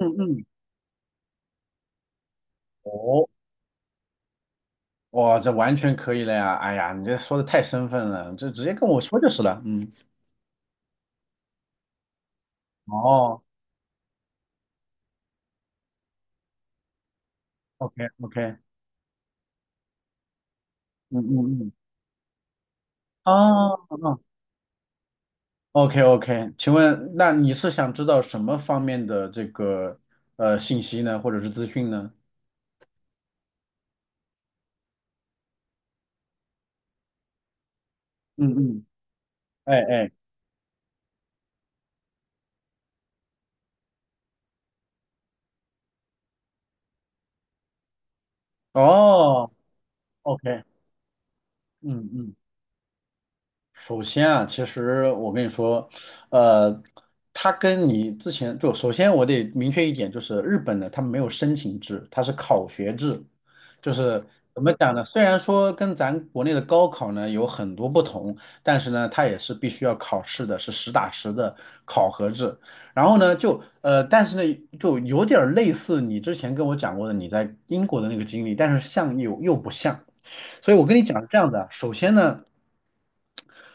嗯嗯，哦，哇，这完全可以了呀！哎呀，你这说的太生分了，这直接跟我说就是了。嗯，哦，OK OK，嗯嗯嗯，哦哦，OK OK，请问，那你是想知道什么方面的这个信息呢，或者是资讯呢？嗯嗯，哎哎，哦，OK，嗯嗯。首先啊，其实我跟你说，呃，它跟你之前就首先我得明确一点，就是日本的它没有申请制，它是考学制，就是怎么讲呢？虽然说跟咱国内的高考呢有很多不同，但是呢，它也是必须要考试的，是实打实的考核制。然后呢，就但是呢，就有点儿类似你之前跟我讲过的你在英国的那个经历，但是像又不像。所以我跟你讲是这样的，首先呢。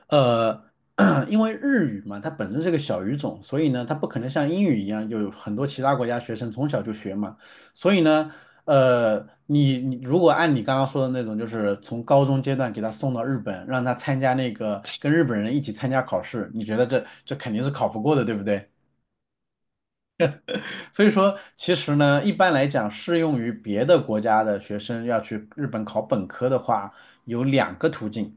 呃，因为日语嘛，它本身是个小语种，所以呢，它不可能像英语一样有很多其他国家学生从小就学嘛。所以呢，你如果按你刚刚说的那种，就是从高中阶段给他送到日本，让他参加那个跟日本人一起参加考试，你觉得这肯定是考不过的，对不对？所以说，其实呢，一般来讲，适用于别的国家的学生要去日本考本科的话，有两个途径。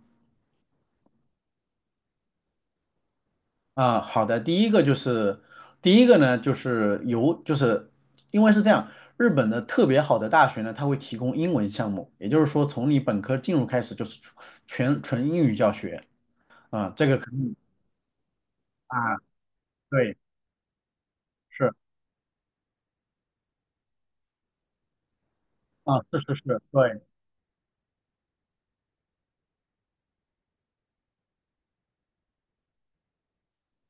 啊，好的，第一个呢，就是由就是因为是这样，日本的特别好的大学呢，它会提供英文项目，也就是说从你本科进入开始就是全纯英语教学啊，这个肯定，啊，对，是啊，是是是，对。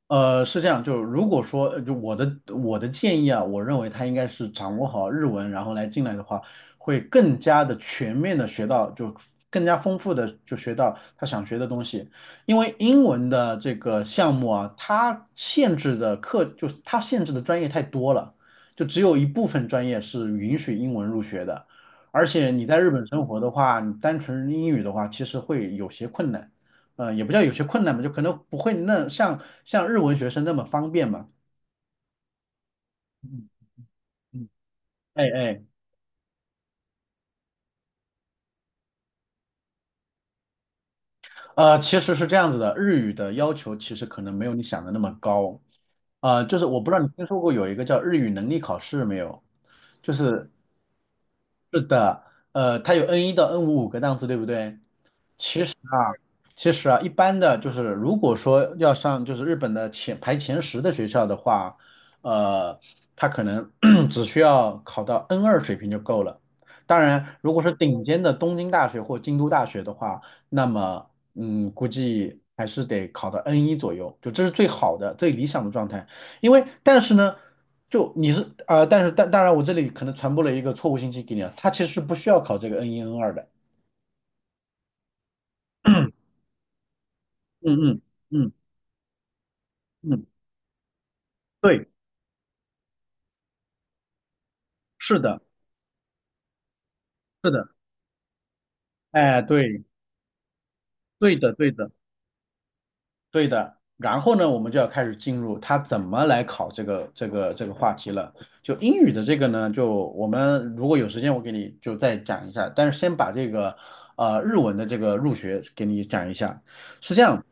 是这样，就是如果说，就我的建议啊，我认为他应该是掌握好日文，然后来进来的话，会更加的全面的学到，就更加丰富的就学到他想学的东西。因为英文的这个项目啊，它限制的课就是它限制的专业太多了，就只有一部分专业是允许英文入学的。而且你在日本生活的话，你单纯英语的话，其实会有些困难。也不叫有些困难吧，就可能不会那像日文学生那么方便嘛。嗯嗯哎哎，其实是这样子的，日语的要求其实可能没有你想的那么高，就是我不知道你听说过有一个叫日语能力考试没有？就是是的，它有 N 一到 N55个档次，对不对？啊，其实啊，一般的就是，如果说要上就是日本的前排前十的学校的话，呃，他可能 只需要考到 N2水平就够了。当然，如果是顶尖的东京大学或京都大学的话，那么嗯，估计还是得考到 n 一左右，就这是最好的、最理想的状态。因为但是呢，就你是但是当然我这里可能传播了一个错误信息给你啊，他其实是不需要考这个 n 一 n 二的。嗯嗯嗯嗯。嗯对，是的，是的，哎，对，对的，对的，对的。然后呢，我们就要开始进入他怎么来考这个这个这个话题了。就英语的这个呢，就我们如果有时间，我给你就再讲一下。但是先把这个日文的这个入学给你讲一下。是这样，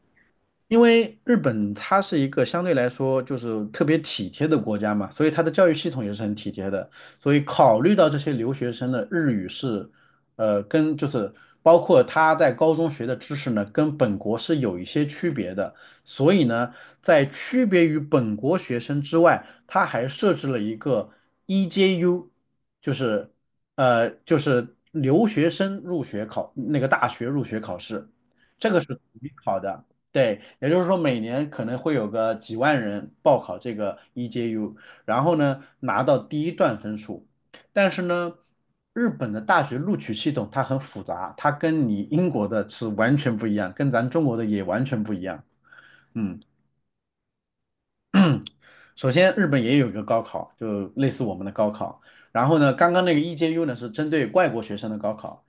因为日本它是一个相对来说就是特别体贴的国家嘛，所以它的教育系统也是很体贴的。所以考虑到这些留学生的日语是跟就是包括他在高中学的知识呢，跟本国是有一些区别的，所以呢，在区别于本国学生之外，他还设置了一个 EJU，就是就是留学生入学考那个大学入学考试，这个是统一考的。对，也就是说每年可能会有个几万人报考这个 EJU，然后呢拿到第一段分数，但是呢，日本的大学录取系统它很复杂，它跟你英国的是完全不一样，跟咱中国的也完全不一样。嗯，首先日本也有一个高考，就类似我们的高考。然后呢，刚刚那个 EJU 呢是针对外国学生的高考，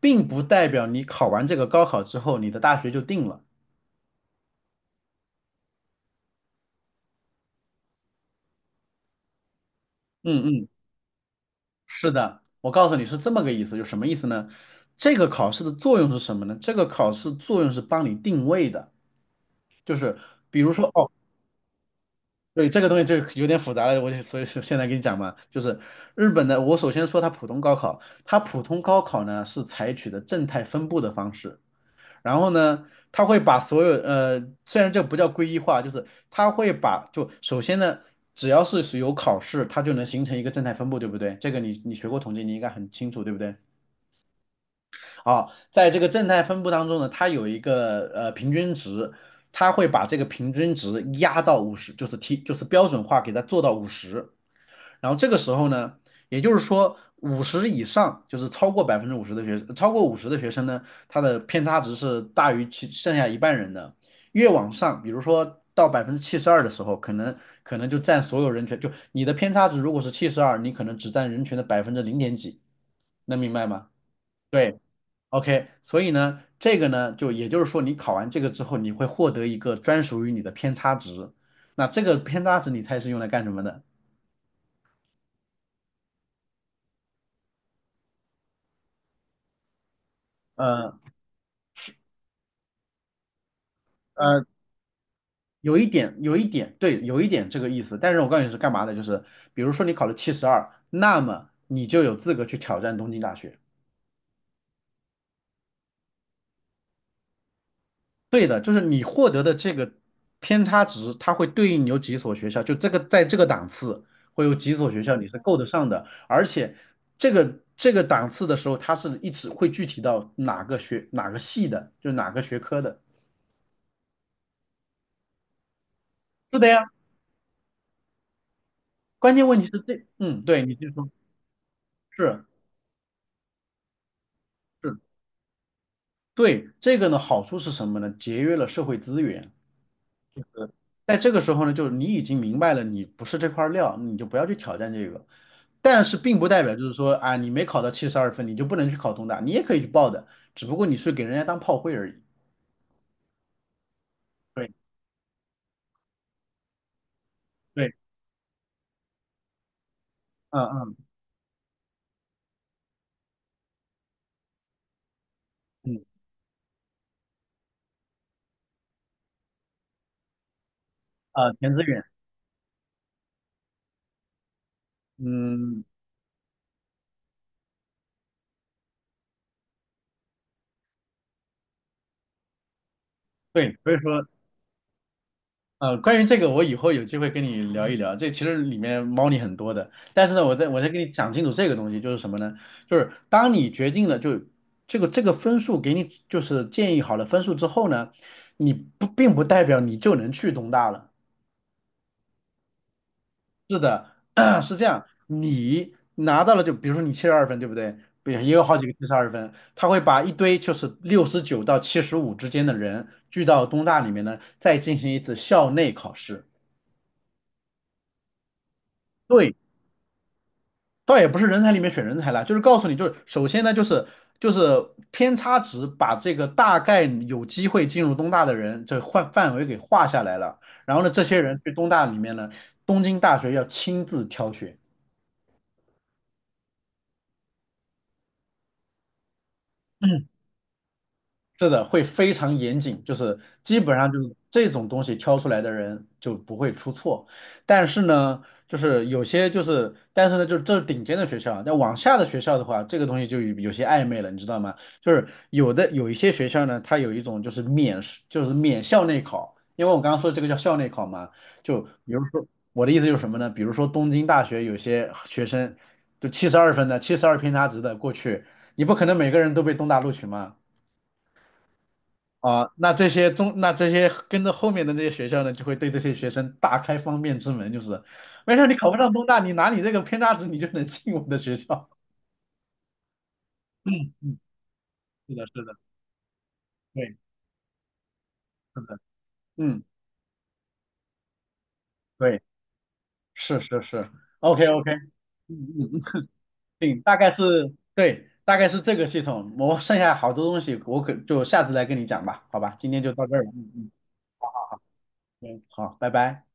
并不代表你考完这个高考之后，你的大学就定了。嗯嗯，是的，我告诉你是这么个意思，就什么意思呢？这个考试的作用是什么呢？这个考试作用是帮你定位的，就是比如说，哦，对，这个东西就有点复杂了，我就所以说现在跟你讲嘛，就是日本的，我首先说它普通高考，它普通高考呢是采取的正态分布的方式，然后呢，它会把所有虽然这不叫归一化，就是它会把就首先呢，只要是有考试，它就能形成一个正态分布，对不对？这个你你学过统计，你应该很清楚，对不对？啊，在这个正态分布当中呢，它有一个平均值，它会把这个平均值压到五十，就是 T，就是标准化给它做到五十，然后这个时候呢，也就是说五十以上，就是超过五十的学生呢，它的偏差值是大于其剩下一半人的，越往上，比如说到72%的时候，可能就占所有人群，就你的偏差值如果是七十二，你可能只占人群的百分之零点几，能明白吗？对。OK，所以呢，这个呢，就也就是说，你考完这个之后，你会获得一个专属于你的偏差值。那这个偏差值，你猜是用来干什么的？呃呃，有一点，有一点，对，有一点这个意思。但是我告诉你是干嘛的，就是比如说你考了七十二，那么你就有资格去挑战东京大学。对的，就是你获得的这个偏差值，它会对应有几所学校，就这个在这个档次会有几所学校你是够得上的，而且这个这个档次的时候，它是一直会具体到哪个学哪个系的，就是哪个学科的。是的呀，关键问题是这，嗯，对，你就说是是，对，这个呢好处是什么呢？节约了社会资源，就是在这个时候呢，就是你已经明白了你不是这块料，你就不要去挑战这个。但是并不代表就是说啊，你没考到七十二分，你就不能去考东大，你也可以去报的，只不过你是给人家当炮灰而已。对对，嗯嗯嗯，啊、填志愿，嗯，对，所以说，关于这个，我以后有机会跟你聊一聊，这其实里面猫腻很多的。但是呢，我再跟你讲清楚这个东西，就是什么呢？就是当你决定了就这个这个分数给你就是建议好了分数之后呢，你不并不代表你就能去东大了。是的，是这样，你拿到了就比如说你七十二分，对不对？不也有好几个七十二分，他会把一堆就是69到75之间的人聚到东大里面呢，再进行一次校内考试。对，倒也不是人才里面选人才啦，就是告诉你，就是首先呢，就是就是偏差值把这个大概有机会进入东大的人这范围给划下来了，然后呢，这些人去东大里面呢，东京大学要亲自挑选。是的，会非常严谨，就是基本上就是这种东西挑出来的人就不会出错。但是呢，就是有些就是，但是呢，就是这是顶尖的学校啊，但往下的学校的话，这个东西就有有些暧昧了，你知道吗？就是有一些学校呢，它有一种就是免试就是免校内考，因为我刚刚说的这个叫校内考嘛，就比如说我的意思就是什么呢？比如说东京大学有些学生就七十二分的、七十二偏差值的过去，你不可能每个人都被东大录取嘛。啊、那这些中，那这些跟着后面的那些学校呢，就会对这些学生大开方便之门，就是没事儿，你考不上东大，你拿你这个偏差值，你就能进我们的学校。嗯，是的，是的，对，是的，嗯，对，是是是，OK OK，嗯嗯嗯，对大概是对，大概是这个系统。我剩下好多东西，我可就下次再跟你讲吧，好吧，今天就到这儿了。嗯嗯，对，好，拜拜。